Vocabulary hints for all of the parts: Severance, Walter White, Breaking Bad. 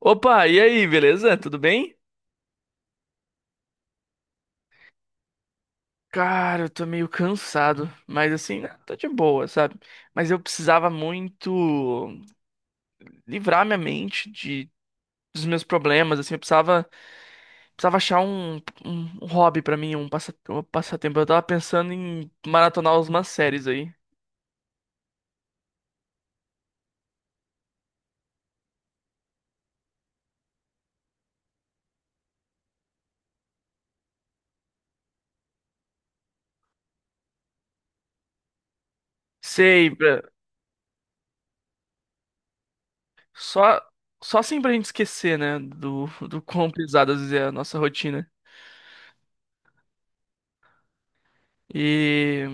Opa, e aí, beleza? Tudo bem? Cara, eu tô meio cansado, mas assim, né, tô de boa, sabe? Mas eu precisava muito livrar minha mente de dos meus problemas, assim, precisava achar um hobby pra mim, um passatempo. Eu tava pensando em maratonar umas séries aí. Sei, só só assim pra gente esquecer, né, do quão pesado às vezes é a nossa rotina. E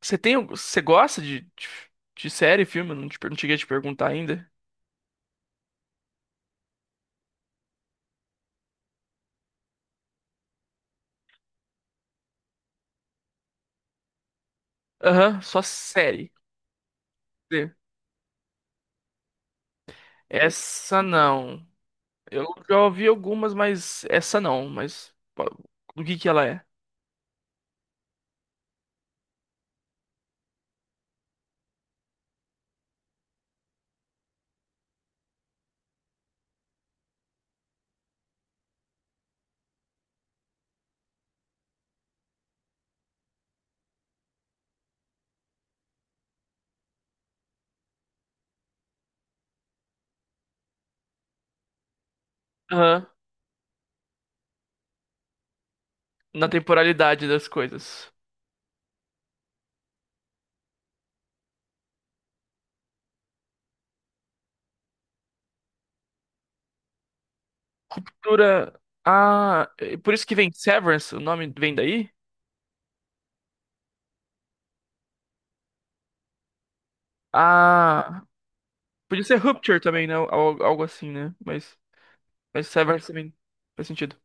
você gosta de série, filme? Eu Não, te, per- Não cheguei a te perguntar ainda. Aham, só série. Sim. Essa não. Eu já ouvi algumas, mas essa não. Mas pô, do que ela é? Aham, na temporalidade das coisas. Dura. Ah, é por isso que vem Severance, o nome vem daí? Ah, podia ser Rupture também, né? Algo assim, né? Mas Severance também faz sentido.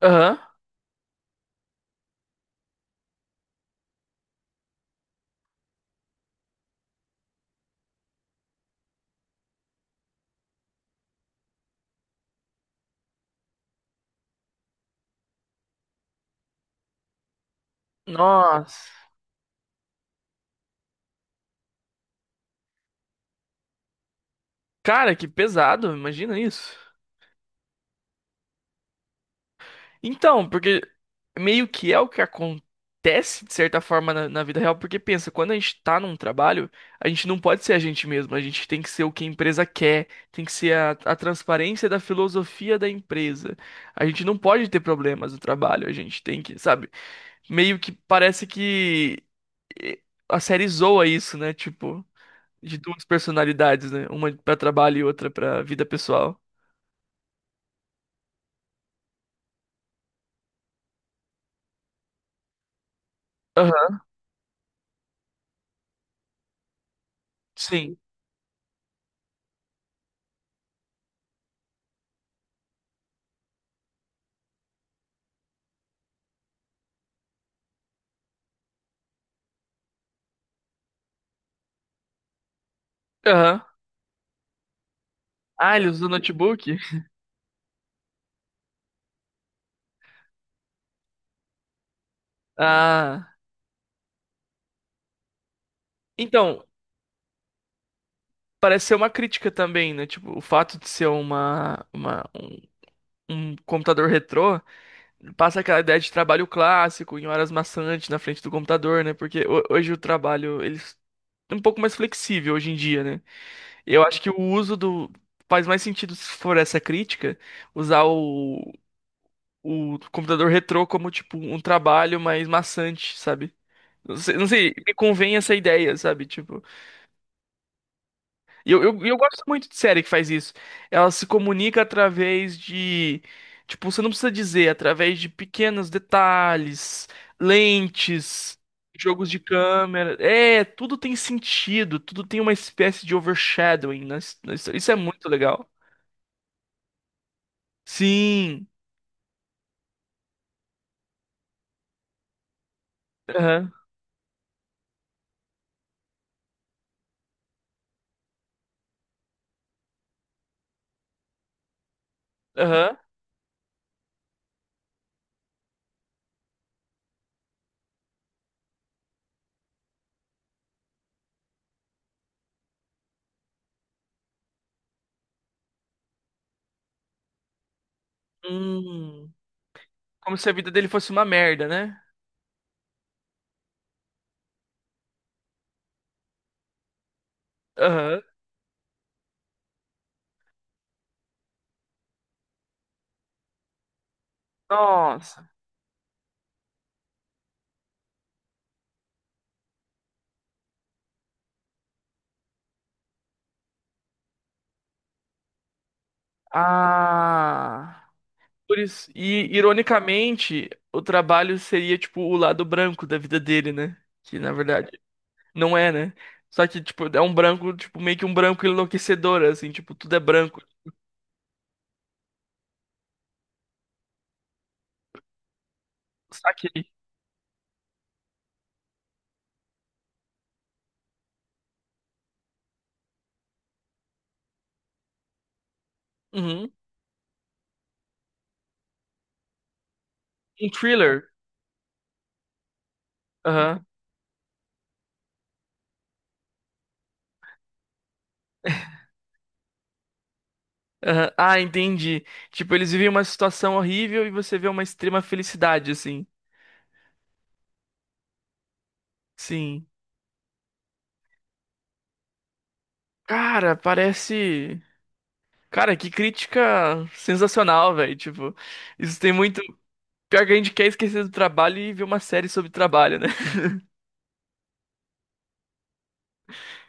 Aham. Nossa. Cara, que pesado, imagina isso. Então, porque meio que é o que acontece, de certa forma, na vida real, porque pensa, quando a gente tá num trabalho, a gente não pode ser a gente mesmo, a gente tem que ser o que a empresa quer, tem que ser a transparência da filosofia da empresa. A gente não pode ter problemas no trabalho, a gente tem que, sabe? Meio que parece que eh, a série zoa isso, né? Tipo, de duas personalidades, né? Uma pra trabalho e outra pra vida pessoal. Aham, sim. Aham. Ah, ele usa o notebook? Ah. Então, parece ser uma crítica também, né? Tipo, o fato de ser um computador retrô passa aquela ideia de trabalho clássico, em horas maçantes na frente do computador, né? Porque hoje o trabalho, ele é um pouco mais flexível hoje em dia, né? Eu acho que o uso do. Faz mais sentido, se for essa crítica, usar o computador retrô como, tipo, um trabalho mais maçante, sabe? Não sei, não sei, me convém essa ideia, sabe? Tipo. E eu gosto muito de série que faz isso. Ela se comunica através de. Tipo, você não precisa dizer, através de pequenos detalhes, lentes, jogos de câmera. É, tudo tem sentido, tudo tem uma espécie de overshadowing na história. Isso é muito legal. Sim. Aham. Aham. Hum. Como se a vida dele fosse uma merda, né? Aham. Nossa. Ah. atores, E, ironicamente, o trabalho seria, tipo, o lado branco da vida dele, né? Que, na verdade, não é, né? Só que, tipo, é um branco, tipo, meio que um branco enlouquecedor, assim, tipo, tudo é branco. Saquei. Uhum. Um thriller. Aham. Aham. Ah, entendi. Tipo, eles vivem uma situação horrível e você vê uma extrema felicidade, assim. Sim. Cara, parece. Cara, que crítica sensacional, velho. Tipo, isso tem muito. Pior que a gente quer esquecer do trabalho e ver uma série sobre trabalho, né?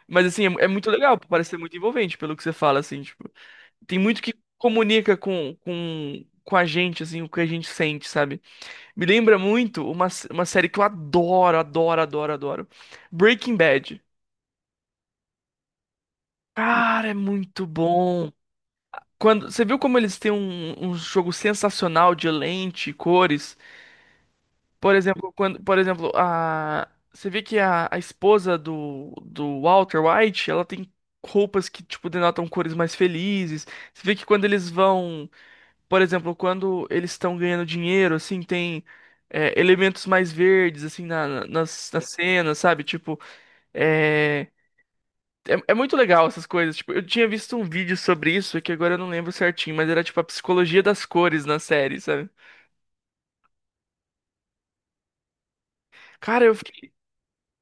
Mas assim, é muito legal, parece ser muito envolvente pelo que você fala, assim, tipo, tem muito que comunica com a gente, assim, o que a gente sente, sabe? Me lembra muito uma, uma série que eu adoro. Breaking Bad. Cara, é muito bom. Quando, você viu como eles têm um jogo sensacional de lente, cores? Por exemplo, quando, por exemplo, a você vê que a esposa do Walter White, ela tem roupas que tipo denotam cores mais felizes. Você vê que quando eles vão, por exemplo, quando eles estão ganhando dinheiro, assim, tem elementos mais verdes assim nas cenas, sabe? Tipo, é, é muito legal essas coisas. Tipo, eu tinha visto um vídeo sobre isso que agora eu não lembro certinho, mas era tipo a psicologia das cores na série, sabe? Cara,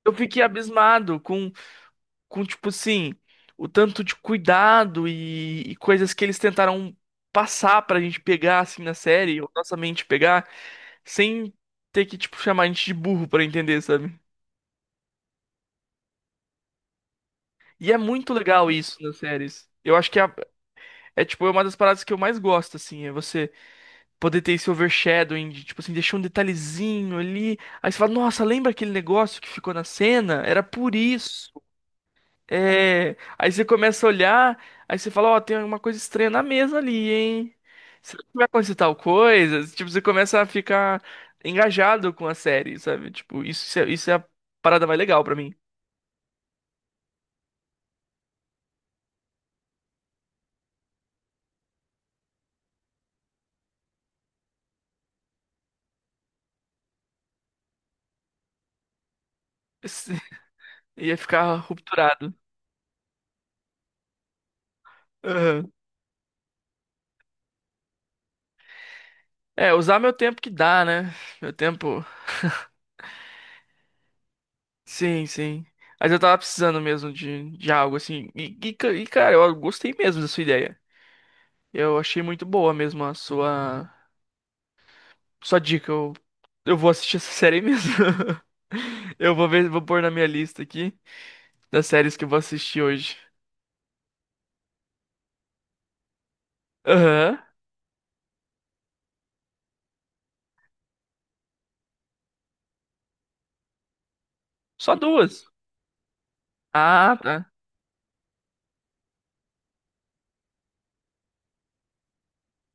eu fiquei abismado tipo assim, o tanto de cuidado e coisas que eles tentaram passar pra gente pegar, assim, na série, ou nossa mente pegar, sem ter que, tipo, chamar a gente de burro pra entender, sabe? E é muito legal isso nas séries. Eu acho que tipo, é uma das paradas que eu mais gosto, assim, é você poder ter esse overshadowing, de, tipo assim, deixar um detalhezinho ali, aí você fala, nossa, lembra aquele negócio que ficou na cena? Era por isso. É, aí você começa a olhar, aí você fala, ó, tem alguma coisa estranha na mesa ali, hein? Será que vai acontecer tal coisa? Tipo, você começa a ficar engajado com a série, sabe? Tipo, isso, isso é a parada mais legal pra mim. Ia ficar rupturado. Aham. É, usar meu tempo que dá, né? Meu tempo. Sim, sim. Mas eu tava precisando mesmo de algo assim. Cara, eu gostei mesmo da sua ideia. Eu achei muito boa mesmo a sua. Só dica, eu vou assistir essa série aí mesmo. Eu vou ver, vou pôr na minha lista aqui das séries que eu vou assistir hoje. Aham. Só duas. Ah, tá.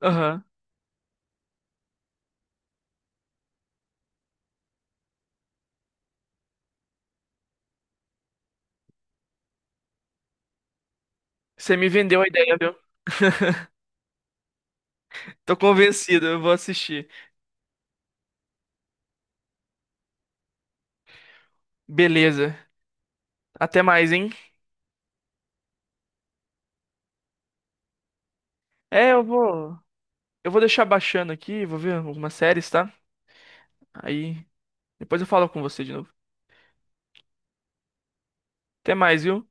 Aham. Você me vendeu a ideia, viu? Tô convencido, eu vou assistir. Beleza. Até mais, hein? É, eu vou. Eu vou deixar baixando aqui, vou ver algumas séries, tá? Aí depois eu falo com você de novo. Até mais, viu?